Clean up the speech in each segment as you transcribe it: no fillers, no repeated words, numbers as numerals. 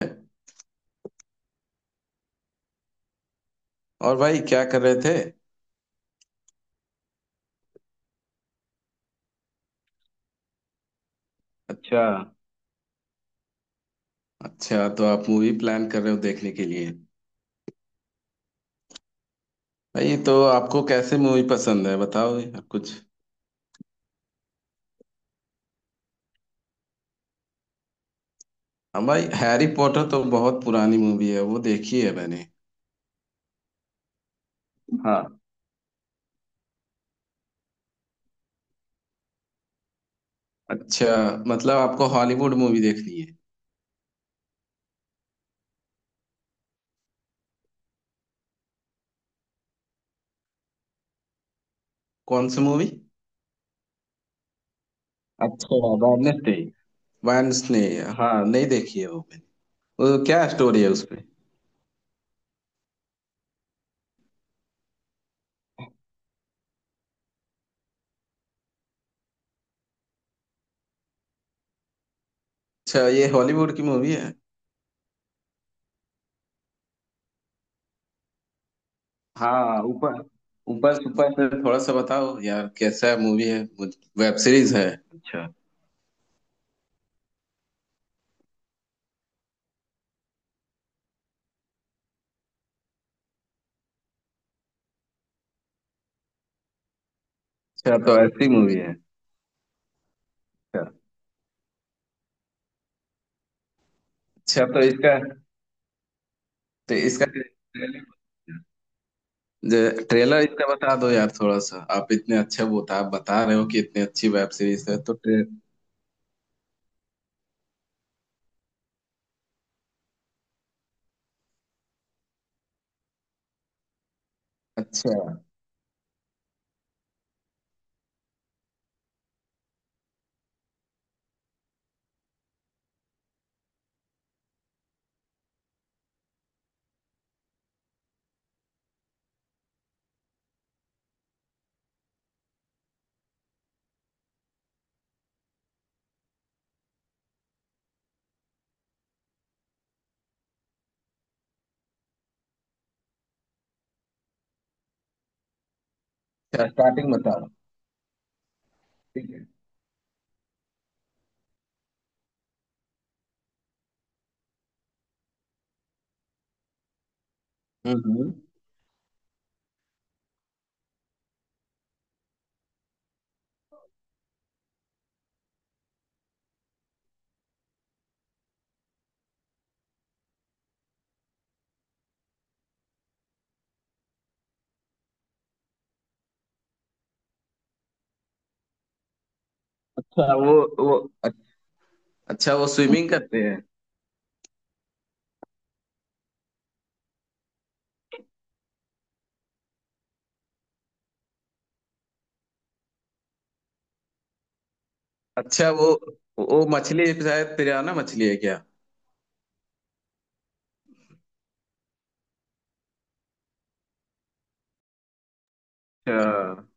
और भाई क्या कर रहे थे? अच्छा। अच्छा, तो आप मूवी प्लान कर रहे हो देखने के लिए? भाई, तो आपको कैसे मूवी पसंद है? बताओ यार कुछ। हाँ भाई, हैरी पॉटर तो बहुत पुरानी मूवी है, वो देखी है मैंने। हाँ। अच्छा, मतलब आपको हॉलीवुड मूवी देखनी है? कौन सी मूवी? अच्छा। Wednesday, Wednesday. हाँ, नहीं देखी है वो मैंने। वो क्या स्टोरी है उसमें? अच्छा, ये हॉलीवुड की मूवी है? हाँ। ऊपर ऊपर सुपर से थोड़ा सा बताओ यार, कैसा मूवी है? वेब सीरीज है? अच्छा। अच्छा, तो ऐसी मूवी है। अच्छा। अच्छा। तो इसका ट्रेलर। ट्रेलर इसका बता दो यार थोड़ा सा, आप इतने अच्छे बता बता रहे हो कि इतनी अच्छी वेब सीरीज है। अच्छा। अच्छा, स्टार्टिंग बताओ। ठीक है। हम्म, अच्छा। वो अच्छा, वो स्विमिंग करते हैं? अच्छा। वो मछली शायद पिराना मछली है क्या? अच्छा।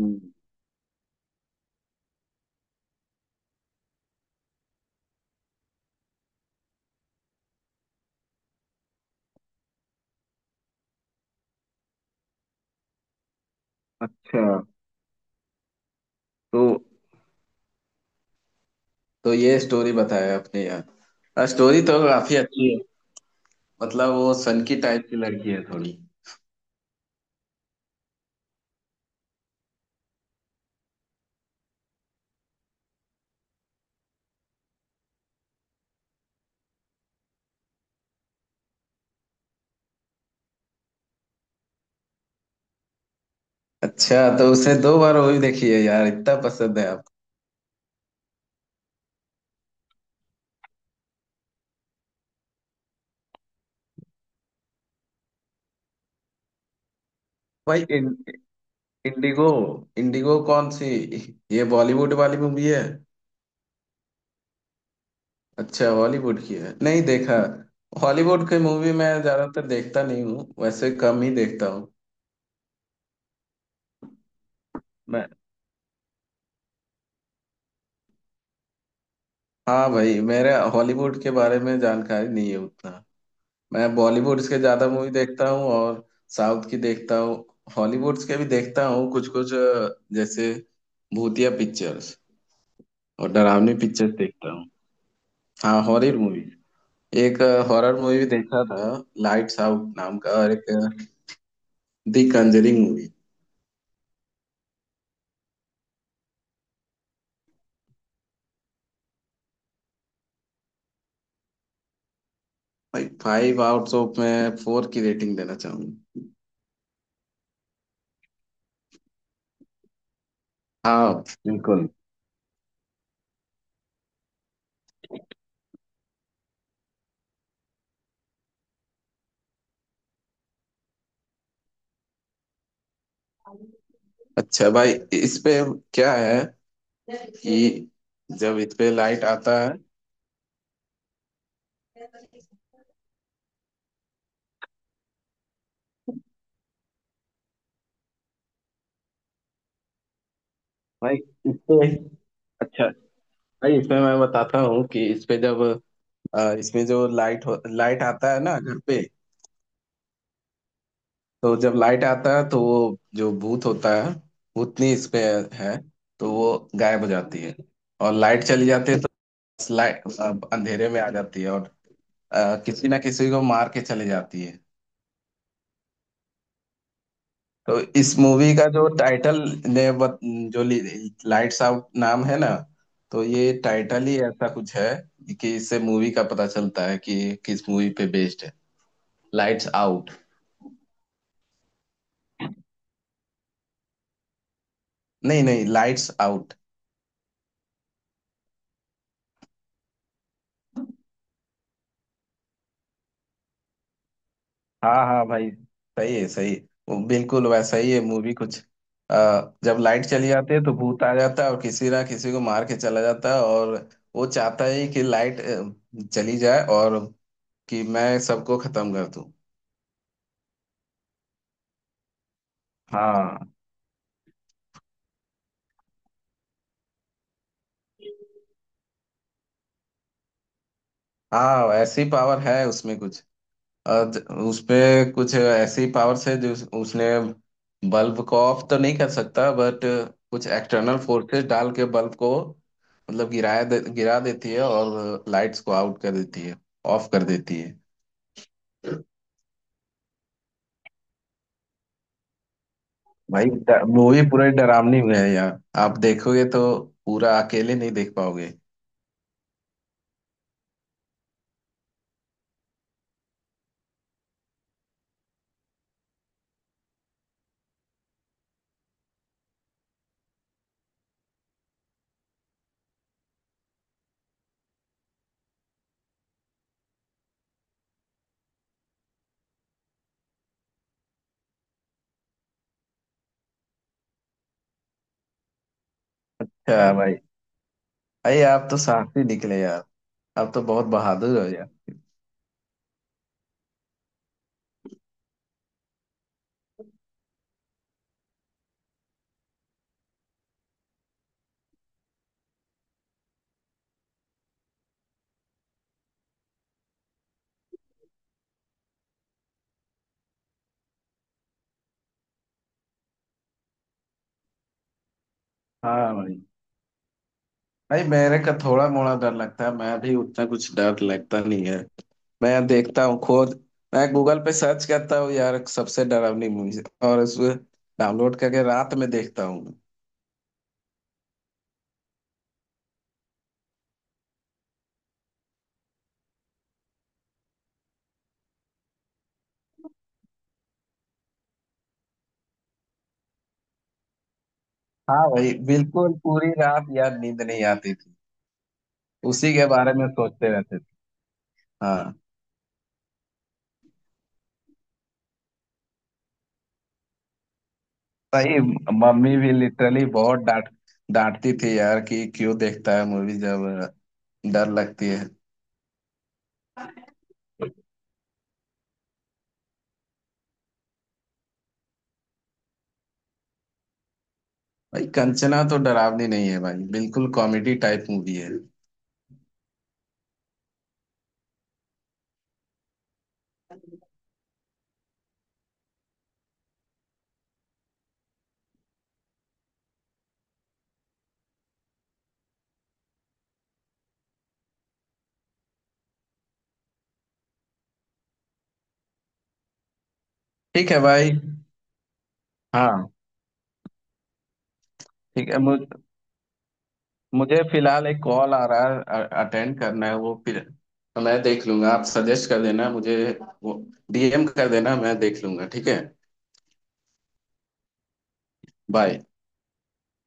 हम्म। अच्छा, तो तो ये स्टोरी बताया अपने यार, स्टोरी तो काफी अच्छी है। मतलब वो सनकी टाइप की लड़की है थोड़ी। अच्छा, तो उसने 2 बार मूवी देखी है यार? इतना पसंद है आपको? भाई, इंडिगो इंडिगो कौन सी? ये बॉलीवुड वाली मूवी है? अच्छा, हॉलीवुड की है? नहीं देखा। हॉलीवुड की मूवी मैं ज्यादातर देखता नहीं हूँ, वैसे कम ही देखता हूँ। मैं हाँ भाई, मेरा हॉलीवुड के बारे में जानकारी नहीं है उतना। मैं बॉलीवुड के ज्यादा मूवी देखता हूँ और साउथ की देखता हूँ। हॉलीवुड के भी देखता हूँ कुछ कुछ। जैसे भूतिया पिक्चर्स और डरावनी पिक्चर्स देखता हूँ। हाँ, हॉरर मूवी एक हॉरर मूवी देखा था, लाइट्स आउट नाम का, और एक दी कंजरिंग मूवी। भाई, फाइव आउट्स ऑफ मैं 4 की रेटिंग देना चाहूंगा। हाँ, बिल्कुल। अच्छा भाई, इस पे क्या है कि जब इस पे लाइट आता है। भाई इस पे अच्छा भाई, इसमें मैं बताता हूँ कि इसमें जो लाइट आता है ना घर पे। तो जब लाइट आता है तो वो जो भूत होता है, भूतनी, इस पे है, तो वो गायब हो जाती है। और लाइट चली जाती है तो लाइट अंधेरे में आ जाती है, और किसी ना किसी को मार के चली जाती है। तो इस मूवी का जो टाइटल, जो लाइट्स आउट नाम है ना, तो ये टाइटल ही ऐसा कुछ है कि इससे मूवी का पता चलता है कि किस मूवी पे बेस्ड है, लाइट्स आउट। नहीं, नहीं, लाइट्स आउट। हाँ, हाँ भाई, सही है, सही है। वो बिल्कुल वैसा ही है मूवी कुछ। अ, जब लाइट चली जाती है तो भूत आ जाता है और किसी ना किसी को मार के चला जाता है। और वो चाहता है कि लाइट चली जाए, और कि मैं सबको खत्म कर दूं। हाँ, हाँ, ऐसी पावर है उसमें कुछ। और उसपे कुछ ऐसी पावर्स है जो उसने बल्ब को ऑफ तो नहीं कर सकता बट कुछ एक्सटर्नल फोर्सेस डाल के बल्ब को मतलब गिरा देती है, और लाइट्स को आउट कर देती है, ऑफ कर देती है। भाई मूवी पूरी डरावनी में है यार, आप देखोगे तो पूरा अकेले नहीं देख पाओगे। हाँ भाई। भाई, आप तो साहस ही निकले यार, आप तो बहुत बहादुर हो यार। हाँ भाई। भाई, मेरे का थोड़ा मोड़ा डर लगता है, मैं भी उतना कुछ डर लगता नहीं है। मैं देखता हूँ खुद। मैं गूगल पे सर्च करता हूँ यार, सबसे डरावनी मूवीज, और उसको डाउनलोड करके रात में देखता हूँ। हाँ भाई, बिल्कुल पूरी रात यार नींद नहीं आती थी, उसी के बारे में सोचते रहते थे। हाँ, सही। मम्मी भी लिटरली बहुत डांटती थी यार, कि क्यों देखता है मूवी जब डर लगती है। भाई, कंचना तो डरावनी नहीं है भाई, बिल्कुल कॉमेडी टाइप मूवी है। ठीक है भाई। हाँ। ठीक है। मुझे फिलहाल एक कॉल आ रहा है, अटेंड करना है वो। फिर मैं देख लूंगा, आप सजेस्ट कर देना मुझे वो, डीएम कर देना, मैं देख लूंगा, ठीक है? बाय।